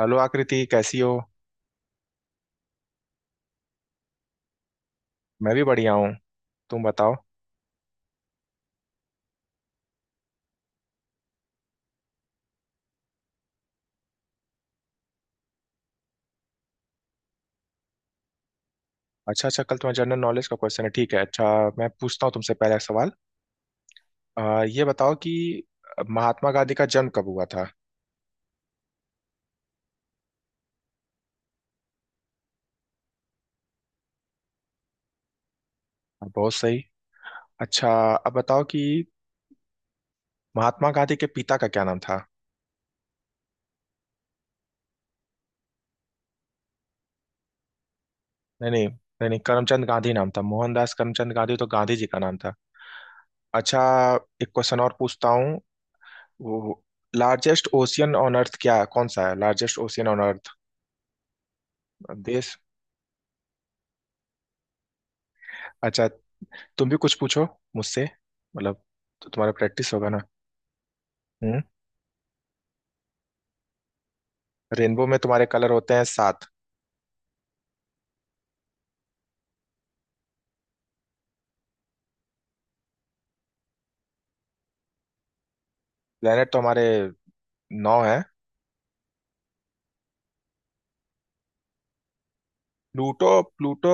Hello Akriti कैसी हो? मैं भी बढ़िया हूँ। तुम बताओ। अच्छा अच्छा, कल तुम्हारा जनरल नॉलेज का क्वेश्चन है, ठीक है। अच्छा, मैं पूछता हूँ तुमसे पहला सवाल। ये बताओ कि महात्मा गांधी का जन्म कब हुआ था? बहुत सही। अच्छा, अब बताओ कि महात्मा गांधी के पिता का क्या नाम था? नहीं नहीं नहीं नहीं, करमचंद गांधी नाम था। मोहनदास करमचंद गांधी तो गांधी जी का नाम था। अच्छा, एक क्वेश्चन और पूछता हूँ। वो लार्जेस्ट ओशियन ऑन अर्थ क्या कौन सा है? Largest ocean on Earth. देश। अच्छा, तुम भी कुछ पूछो मुझसे। मतलब, तो तुम्हारा प्रैक्टिस होगा ना। हम्म, रेनबो में तुम्हारे कलर होते हैं 7। प्लेनेट तो हमारे 9 है। Pluto, Pluto.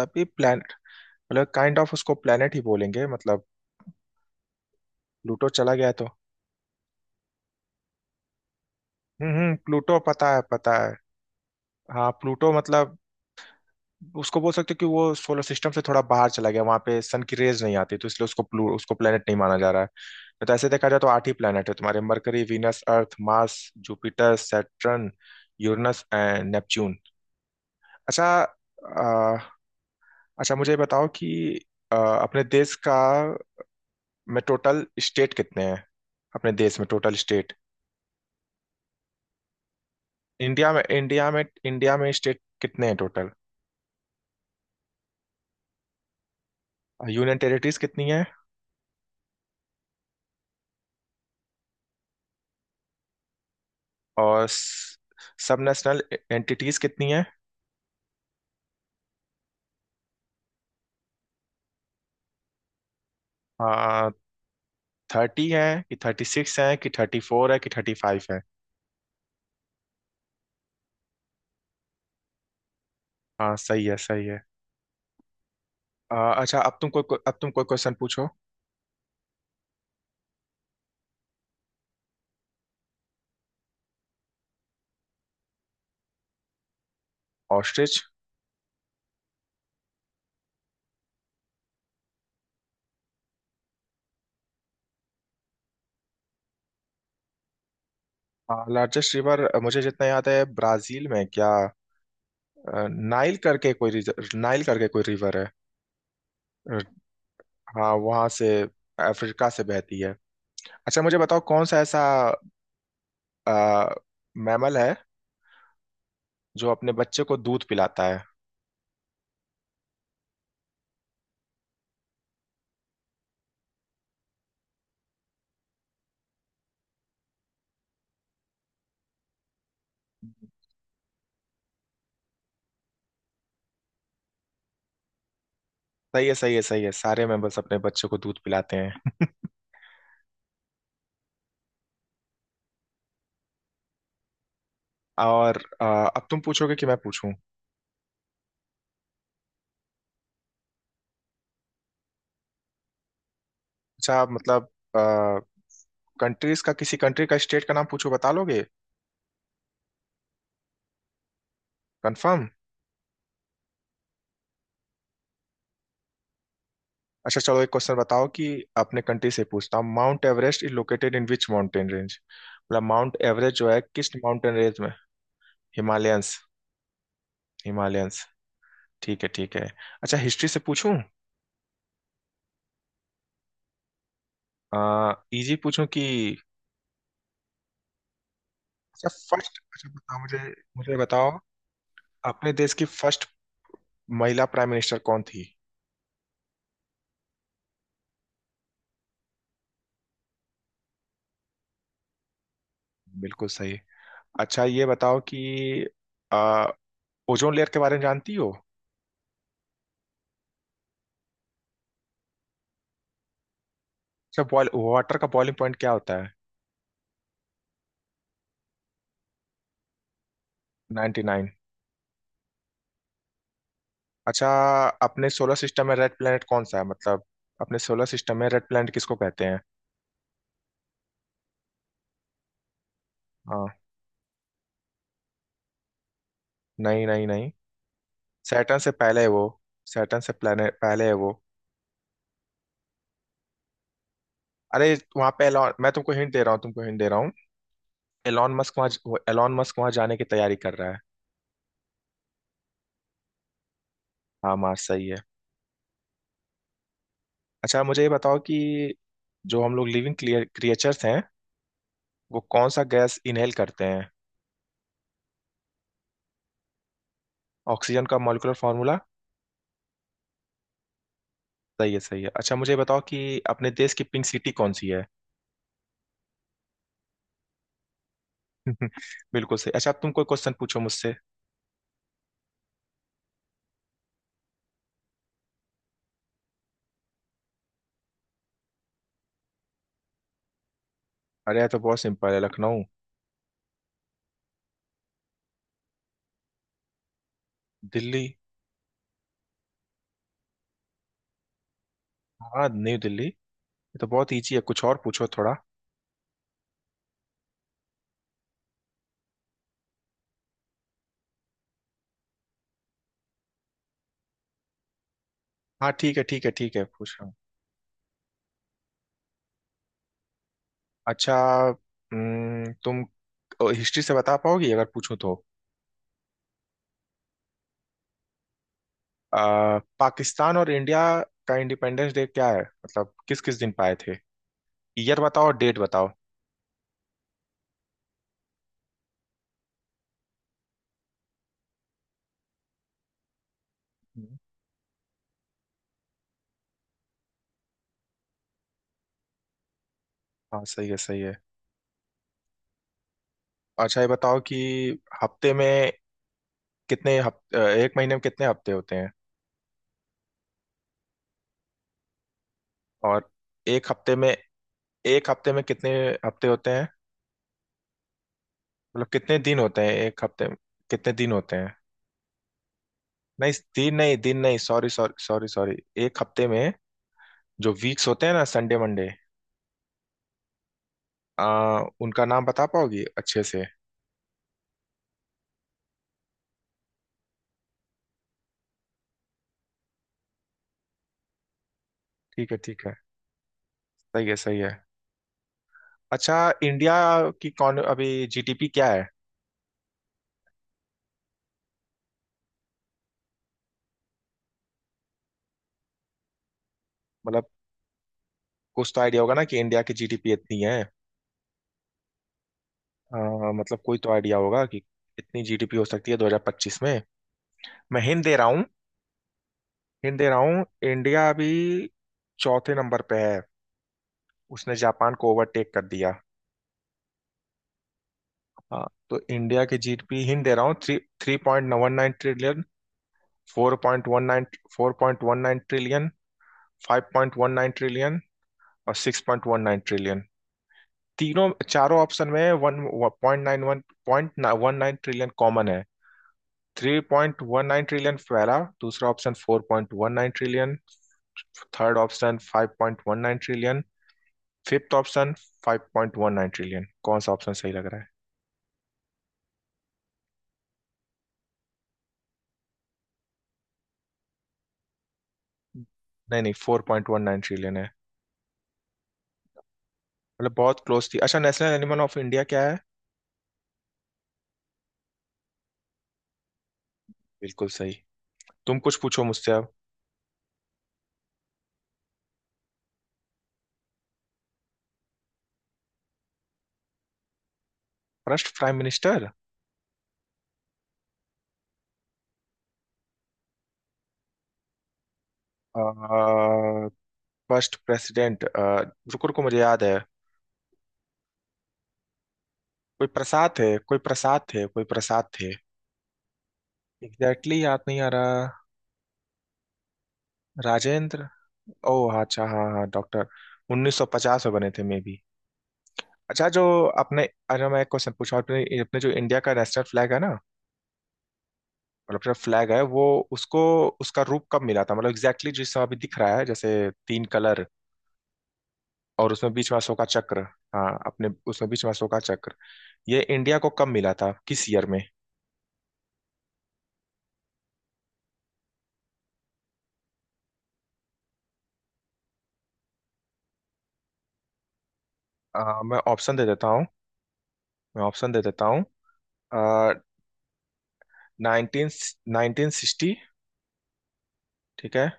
तभी प्लेनेट, मतलब काइंड ऑफ उसको प्लेनेट ही बोलेंगे मतलब। प्लूटो चला गया तो। हम्म, प्लूटो पता है पता है। हाँ प्लूटो, मतलब उसको बोल सकते हो कि वो सोलर सिस्टम से थोड़ा बाहर चला गया, वहां पे सन की रेज नहीं आती, तो इसलिए उसको प्लेनेट नहीं माना जा रहा है। नहीं तो ऐसे देखा जाए तो 8 ही प्लेनेट है तुम्हारे। Mercury, Venus, Earth, Mars, Jupiter, Saturn, Uranus and Neptune. अच्छा। अच्छा, मुझे ये बताओ कि अपने देश का में टोटल स्टेट कितने हैं? अपने देश में टोटल स्टेट? इंडिया में स्टेट कितने हैं टोटल? यूनियन टेरिटरीज कितनी है? और सब नेशनल एंटिटीज कितनी है? हाँ, थर्टी है कि थर्टी सिक्स है कि थर्टी फोर है कि थर्टी फाइव है? हाँ सही है सही है। अच्छा, अब तुम कोई क्वेश्चन पूछो। ऑस्ट्रिच। लार्जेस्ट रिवर मुझे जितना याद है ब्राजील में क्या। अ, नाइल करके कोई रिवर है। अ, हाँ वहां से, अफ्रीका से बहती है। अच्छा, मुझे बताओ कौन सा ऐसा आ, मैमल है जो अपने बच्चे को दूध पिलाता है। सही है सही है सही है, सारे मैमल्स अपने बच्चे को दूध पिलाते हैं। और अब तुम पूछोगे कि मैं पूछूं? अच्छा, आप मतलब कंट्रीज का, किसी कंट्री का स्टेट का नाम पूछो, बता लोगे? कंफर्म? अच्छा चलो, एक क्वेश्चन बताओ कि अपने कंट्री से पूछता हूँ। Mount Everest is located in which mountain range? मतलब माउंट एवरेस्ट जो है किस माउंटेन रेंज में? हिमालयंस। हिमालयंस। ठीक है ठीक है। अच्छा, हिस्ट्री से पूछूं? आ, इजी पूछूं कि? अच्छा, फर्स्ट, अच्छा बताओ मुझे। मुझे बताओ अपने देश की फर्स्ट महिला प्राइम मिनिस्टर कौन थी? बिल्कुल सही। अच्छा, ये बताओ कि ओजोन लेयर के बारे में जानती हो? अच्छा, बॉयल वाटर का बॉइलिंग पॉइंट क्या होता है? 99। अच्छा, अपने सोलर सिस्टम में रेड प्लैनेट कौन सा है, मतलब अपने सोलर सिस्टम में रेड प्लैनेट किसको कहते हैं? हाँ। नहीं नहीं नहीं, सैटर्न से पहले है वो। सैटर्न से पहले है वो। अरे, वहां पे एलॉन मैं तुमको हिंट दे रहा हूँ, तुमको हिंट दे रहा हूँ। एलॉन मस्क वहाँ जाने की तैयारी कर रहा है। हाँ, मार्स सही है। अच्छा, मुझे ये बताओ कि जो हम लोग लिविंग क्रिएचर्स हैं वो कौन सा गैस इनहेल करते हैं? ऑक्सीजन का मॉलिक्यूलर फॉर्मूला? सही है सही है। अच्छा, मुझे बताओ कि अपने देश की पिंक सिटी कौन सी है? बिल्कुल सही। अच्छा, अब तुम कोई क्वेश्चन पूछो मुझसे। अरे यार, तो बहुत सिंपल है, लखनऊ। दिल्ली। हाँ, न्यू दिल्ली, ये तो बहुत ईजी है, कुछ और पूछो थोड़ा। हाँ ठीक है ठीक है ठीक है, पूछ रहा हूँ। अच्छा। तुम हिस्ट्री से बता पाओगी अगर पूछूं तो? पाकिस्तान और इंडिया का इंडिपेंडेंस डे क्या है, मतलब किस किस दिन पाए थे? ईयर बताओ और डेट बताओ। हम्म। हाँ सही है सही है। अच्छा, ये बताओ कि हफ्ते में कितने हफ्ते, एक महीने में कितने हफ्ते होते हैं? और एक हफ्ते में एक हफ्ते में कितने हफ्ते होते हैं? मतलब कितने दिन होते हैं एक हफ्ते में, कितने दिन होते हैं? नहीं, दिन नहीं, दिन नहीं। सॉरी सॉरी सॉरी सॉरी, एक हफ्ते में जो वीक्स होते हैं ना, संडे मंडे, आ उनका नाम बता पाओगी अच्छे से? ठीक है ठीक है। सही है सही है। अच्छा, इंडिया की कौन अभी जीडीपी क्या है? मतलब कुछ तो आइडिया होगा ना कि इंडिया की जीडीपी इतनी है। मतलब कोई तो आइडिया होगा कि इतनी जीडीपी हो सकती है 2025 में। मैं हिंट दे रहा हूँ, हिंट दे रहा हूँ इंडिया अभी चौथे नंबर पे है, उसने जापान को ओवरटेक कर दिया। हाँ तो इंडिया की जीडपी हिंट दे रहा हूँ, three three point one nine trillion, four point one nine, four point one nine trillion, five point one nine trillion और six point one nine trillion. तीनों चारों ऑप्शन में one point nine, one point one nine trillion common है। Three point one nine trillion पहला दूसरा option, four point one nine trillion third option, five point one nine trillion fifth option, 5.19 trillion. कौन सा option सही लग रहा है? नहीं नहीं, 4.19 ट्रिलियन है। मतलब बहुत क्लोज थी। अच्छा, नेशनल एनिमल ऑफ इंडिया क्या है? बिल्कुल सही। तुम कुछ पूछो मुझसे अब। First prime minister? First president? रुको रुको, मुझे याद है। कोई प्रसाद थे। एग्जैक्टली याद नहीं आ रहा। राजेंद्र। ओ, अच्छा हाँ हाँ, डॉक्टर। 1950 में बने थे मे बी। अच्छा जो आपने, अरे मैं एक क्वेश्चन पूछा आपने, अपने जो इंडिया का नेशनल फ्लैग है ना, मतलब जो फ्लैग है वो, उसको, उसका रूप कब मिला था, मतलब एग्जैक्टली जिस समय अभी दिख रहा है, जैसे तीन कलर और उसमें बीच में अशोका चक्र, हाँ अपने उसमें बीच में अशोका चक्र, ये इंडिया को कब मिला था किस ईयर में? मैं ऑप्शन दे देता हूँ, मैं ऑप्शन दे देता हूँ। नाइनटीन, नाइनटीन सिक्सटी, ठीक है,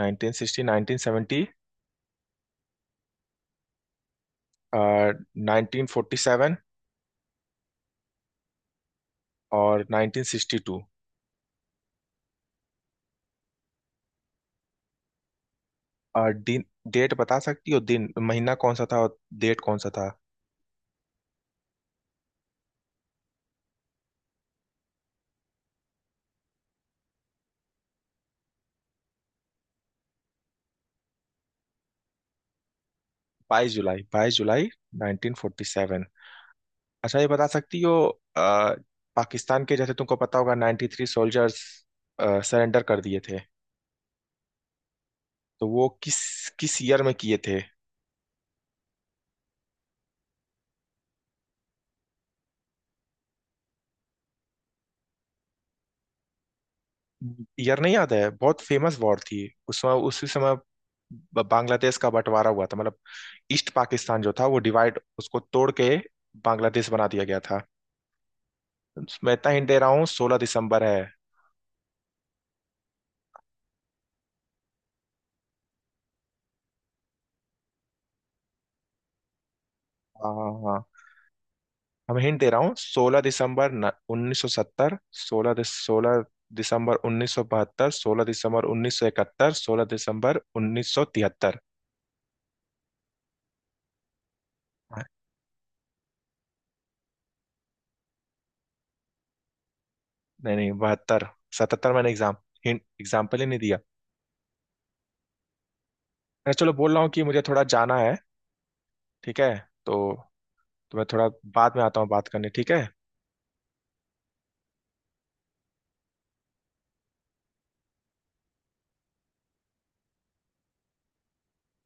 nineteen sixty, nineteen seventy, nineteen forty seven और नाइनटीन सिक्सटी टू। दिन, डेट बता सकती हो, दिन महीना कौन सा था और डेट कौन सा था? बाईस जुलाई, बाईस जुलाई 1947। अच्छा, ये बता सकती हो आ, पाकिस्तान के जैसे तुमको पता होगा 93 सोल्जर्स सरेंडर कर दिए थे, तो वो किस, किस ईयर में किए थे? ईयर नहीं याद है, बहुत फेमस वॉर थी उस समय, उसी समय बांग्लादेश का बंटवारा हुआ था, मतलब ईस्ट पाकिस्तान जो था वो डिवाइड, उसको तोड़ के बांग्लादेश बना दिया गया था। मैं इतना हिंट दे रहा हूँ, 16 दिसंबर है। हाँ हाँ हाँ। हम हिंट दे रहा हूँ, 16 दिसंबर 1970, सोलह 16 दिसंबर 1972, 16 दिसंबर 1971, 16 दिसंबर 1973। हाँ, नहीं नहीं, बहत्तर। सतहत्तर, मैंने एग्जाम हिंट एग्जाम्पल ही नहीं दिया। मैं चलो बोल रहा हूँ कि मुझे थोड़ा जाना है, ठीक है? तो, तो मैं थोड़ा बाद में आता हूँ बात करने, ठीक है।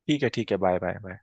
ठीक है ठीक है, बाय बाय बाय।